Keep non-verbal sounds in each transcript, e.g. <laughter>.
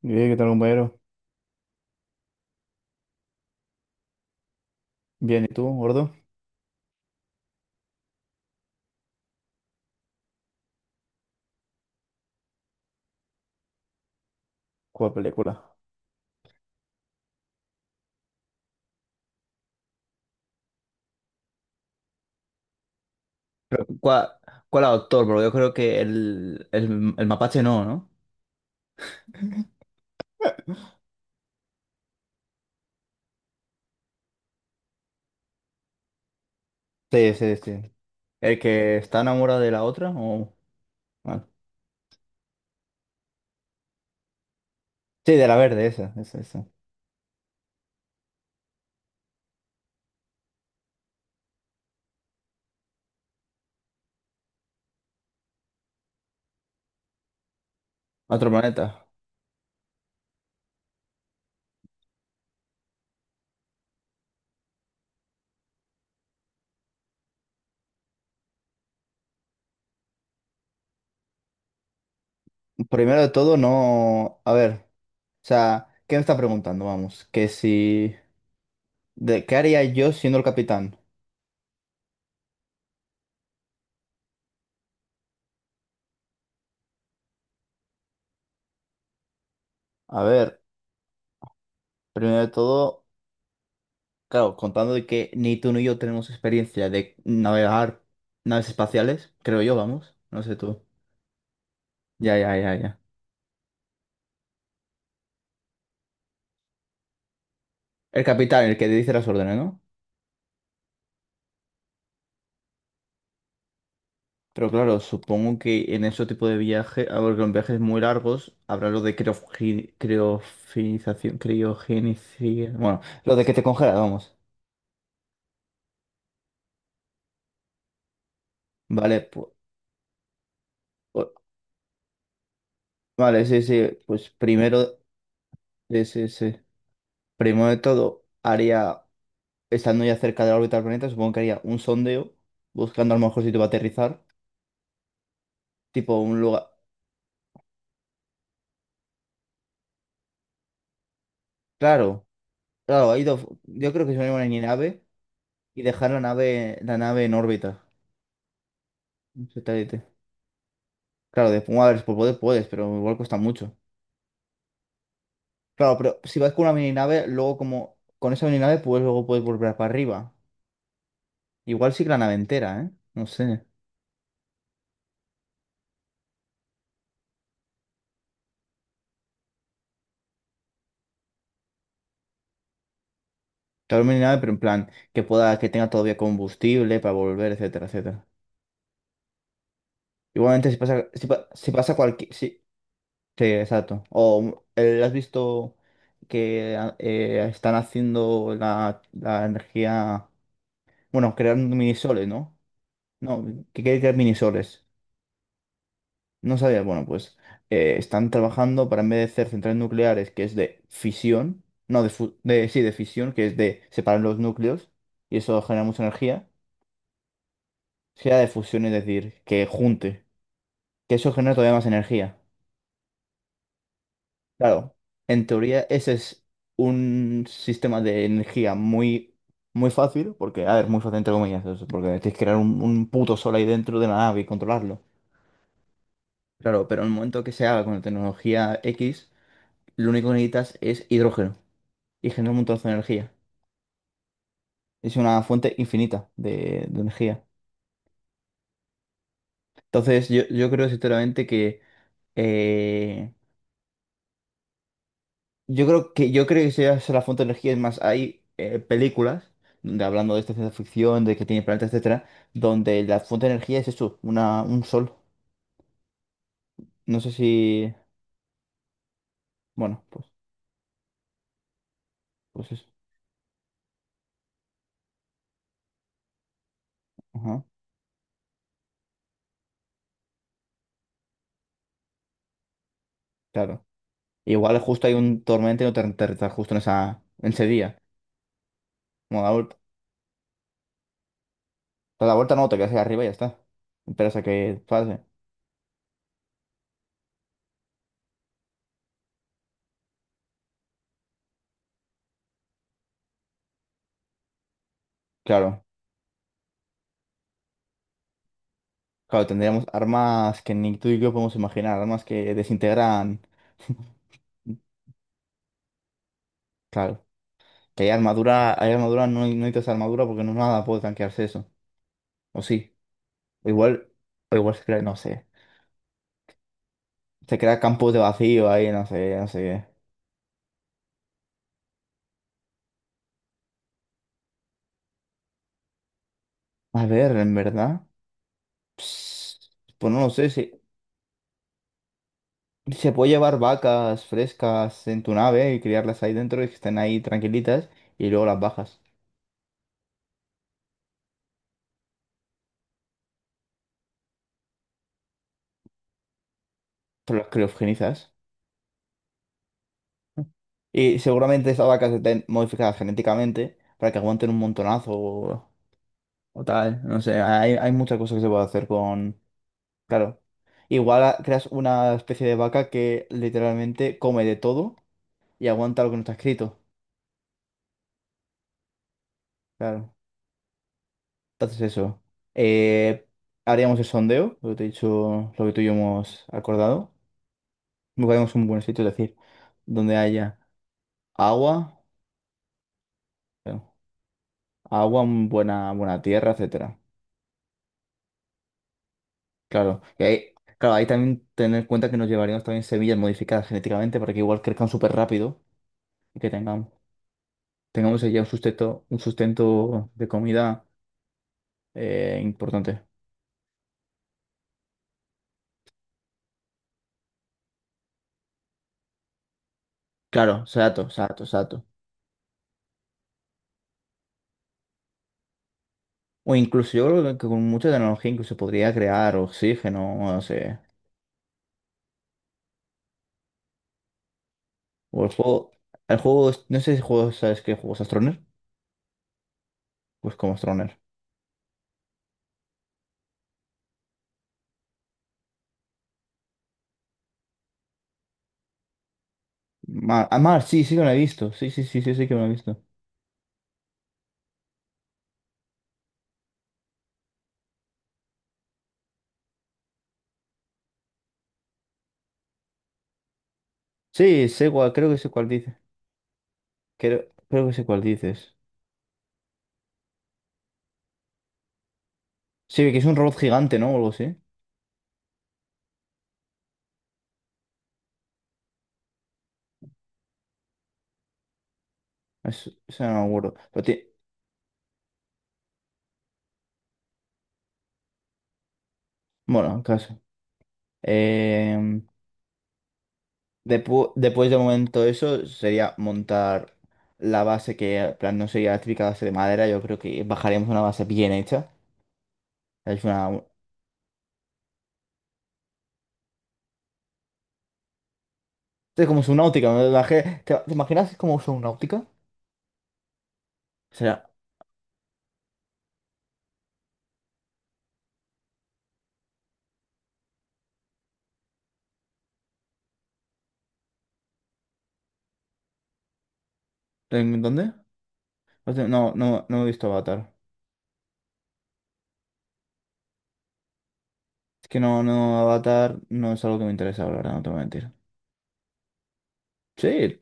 Bien, ¿qué tal, compañero? Bien, ¿y tú, gordo? ¿Cuál película? ¿Cuál, cuál autor? Porque yo creo que el mapache no, ¿no? Sí, sí, sí. El que está enamorado de la otra o... ah, sí, de la verde, esa. Otro planeta. Primero de todo, no. A ver, o sea, ¿qué me está preguntando? Vamos, que si. ¿De qué haría yo siendo el capitán? A ver, primero de todo. Claro, contando de que ni tú ni yo tenemos experiencia de navegar naves espaciales, creo yo, vamos, no sé tú. Ya, ya, ya, ya. El capitán, el que dice las órdenes, ¿no? Pero claro, supongo que en ese tipo de viaje, a ver, con viajes muy largos, habrá lo de criofinización, criogenización, bueno, lo de que te congela, vamos. Vale, pues, vale, sí, sí, pues primero, sí, sí, sí. Primero de todo, haría estando ya cerca de la órbita del planeta, supongo que haría un sondeo buscando a lo mejor sitio para aterrizar, tipo un lugar. Claro, claro, ha ido. Yo creo que se van a ir en nave y dejar la nave en órbita, un satélite. Claro, de bueno, a ver, por poder puedes, pero igual cuesta mucho. Claro, pero si vas con una mini nave, luego como con esa mini nave, pues luego puedes volver para arriba. Igual sí que la nave entera, ¿eh? No sé. Claro, mini nave, pero en plan, que pueda, que tenga todavía combustible para volver, etcétera, etcétera. Igualmente, si pasa, si pasa cualquier. Si sí, exacto. O has visto que están haciendo la energía, bueno, creando minisoles, ¿no? No, que quiere crear minisoles. No sabía, bueno, pues están trabajando para en vez de hacer centrales nucleares, que es de fisión, no, sí, de fisión, que es de separar los núcleos, y eso genera mucha energía, sea de fusión, es decir, que junte, que eso genera todavía más energía. Claro, en teoría ese es un sistema de energía muy, muy fácil, porque, a ver, muy fácil entre comillas, eso, porque tienes que crear un puto sol ahí dentro de la nave y controlarlo. Claro, pero en el momento que se haga con la tecnología X, lo único que necesitas es hidrógeno y genera un montón de energía. Es una fuente infinita de energía. Entonces, yo creo sinceramente que eh, yo creo que esa es la fuente de energía. Es más, hay películas donde hablando de esta ciencia ficción, de que tiene planetas, etcétera, donde la fuente de energía es eso, una, un sol. No sé si. Bueno, pues, pues eso. Ajá, claro. Igual justo hay un tormento y no te enteras justo en esa, en ese día. Bueno, la vuelta, a la vuelta no, te quedas ahí arriba y ya está. Esperas a que pase. Claro. Claro, tendríamos armas que ni tú y yo podemos imaginar, armas que desintegran. <laughs> Claro. Que hay armadura, no, no necesitas armadura porque no nada puede tanquearse eso. O sí. O igual, o igual se crea, no sé. Se crea campos de vacío ahí, no sé, no sé qué. A ver, en verdad. Pues, pues no lo sé, si se puede llevar vacas frescas en tu nave y criarlas ahí dentro y que estén ahí tranquilitas y luego las bajas. Pero las criogenizas. Y seguramente esas vacas estén modificadas genéticamente para que aguanten un montonazo o tal. No sé, hay muchas cosas que se puede hacer. Claro. Creas una especie de vaca que literalmente come de todo y aguanta lo que no está escrito. Claro. Entonces eso. Eh, Haríamos el sondeo, lo que te he dicho, lo que tú y yo hemos acordado. Buscaríamos un buen sitio, es decir, donde haya agua, claro, agua, un buena, buena tierra, etcétera. Claro. Y ahí, claro, ahí también tener en cuenta que nos llevaríamos también semillas modificadas genéticamente para que igual crezcan súper rápido y que tengamos, tengamos ya un sustento de comida importante. Claro, exacto, exacto, exacto. O incluso yo creo que con mucha tecnología incluso podría crear oxígeno, no sé. O el juego, no sé si juego, ¿sabes qué juegos Astroner? Pues como Astroner. Mar, ah, Mar, sí, sí que me lo he visto. Sí, sí, sí, sí, sí que me lo he visto. Sí, sé cuál, creo que sé cuál dices. Creo, creo que sé cuál dices. Sí, que es un robot gigante, ¿no? O algo así. Es, o sea, no me acuerdo. Bueno, en caso. Em, Después de momento eso sería montar la base que en plan no sería la típica base de madera, yo creo que bajaríamos una base bien hecha. Es una es como subnáutica, ¿no? ¿Te, te imaginas cómo usa náutica? O sea, ¿en dónde? No, sé, no, no no he visto Avatar. Es que no, no, Avatar no es algo que me interesa, la verdad, no te voy a mentir. Sí,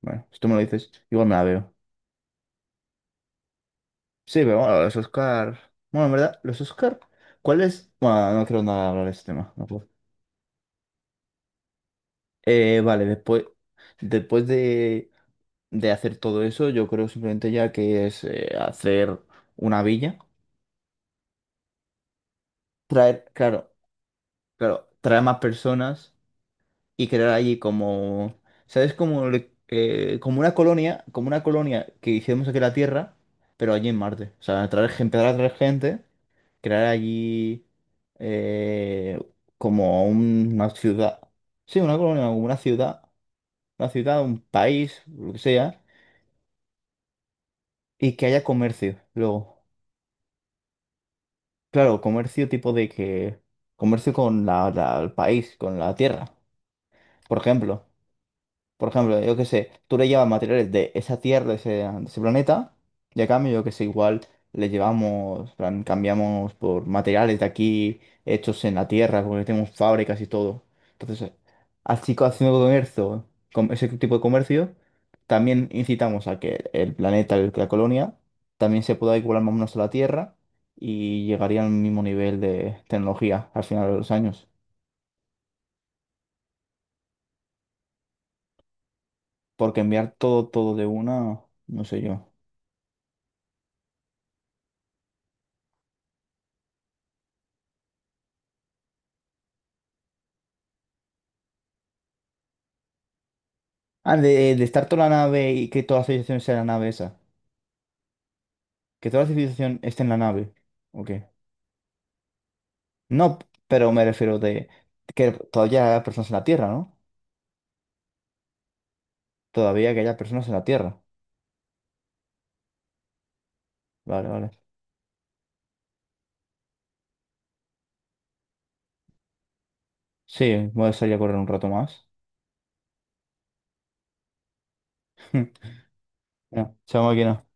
bueno, si tú me lo dices, igual me la veo. Sí, pero bueno, los Oscar. Bueno, en verdad, los Oscar, ¿cuál es? Bueno, no quiero nada hablar de este tema. No puedo. Vale, después, después de hacer todo eso, yo creo simplemente ya que es hacer una villa, traer, claro, claro, traer más personas y crear allí como, ¿sabes? Como, como una colonia que hicimos aquí en la Tierra, pero allí en Marte. O sea, traer, empezar a traer gente, crear allí eh, como una ciudad. Sí, una colonia, como una ciudad, un país, lo que sea. Y que haya comercio, luego. Claro, comercio tipo de que... Comercio con el país, con la tierra, por ejemplo. Por ejemplo, yo qué sé, tú le llevas materiales de esa Tierra, de ese planeta, y a cambio, yo que sé, igual le llevamos, en plan, cambiamos por materiales de aquí hechos en la Tierra, porque tenemos fábricas y todo. Entonces, haciendo comercio, con ese tipo de comercio, también incitamos a que el planeta, la colonia, también se pueda igualar más o menos a la Tierra y llegaría al mismo nivel de tecnología al final de los años. Porque enviar todo, todo de una, no sé yo. Ah, de estar toda la nave y que toda la civilización sea la nave esa. Que toda la civilización esté en la nave. Ok. No, pero me refiero de que todavía haya personas en la Tierra, ¿no? Todavía que haya personas en la Tierra. Vale, vale. Sí, voy a salir a correr un rato más. <laughs> No, chao máquina.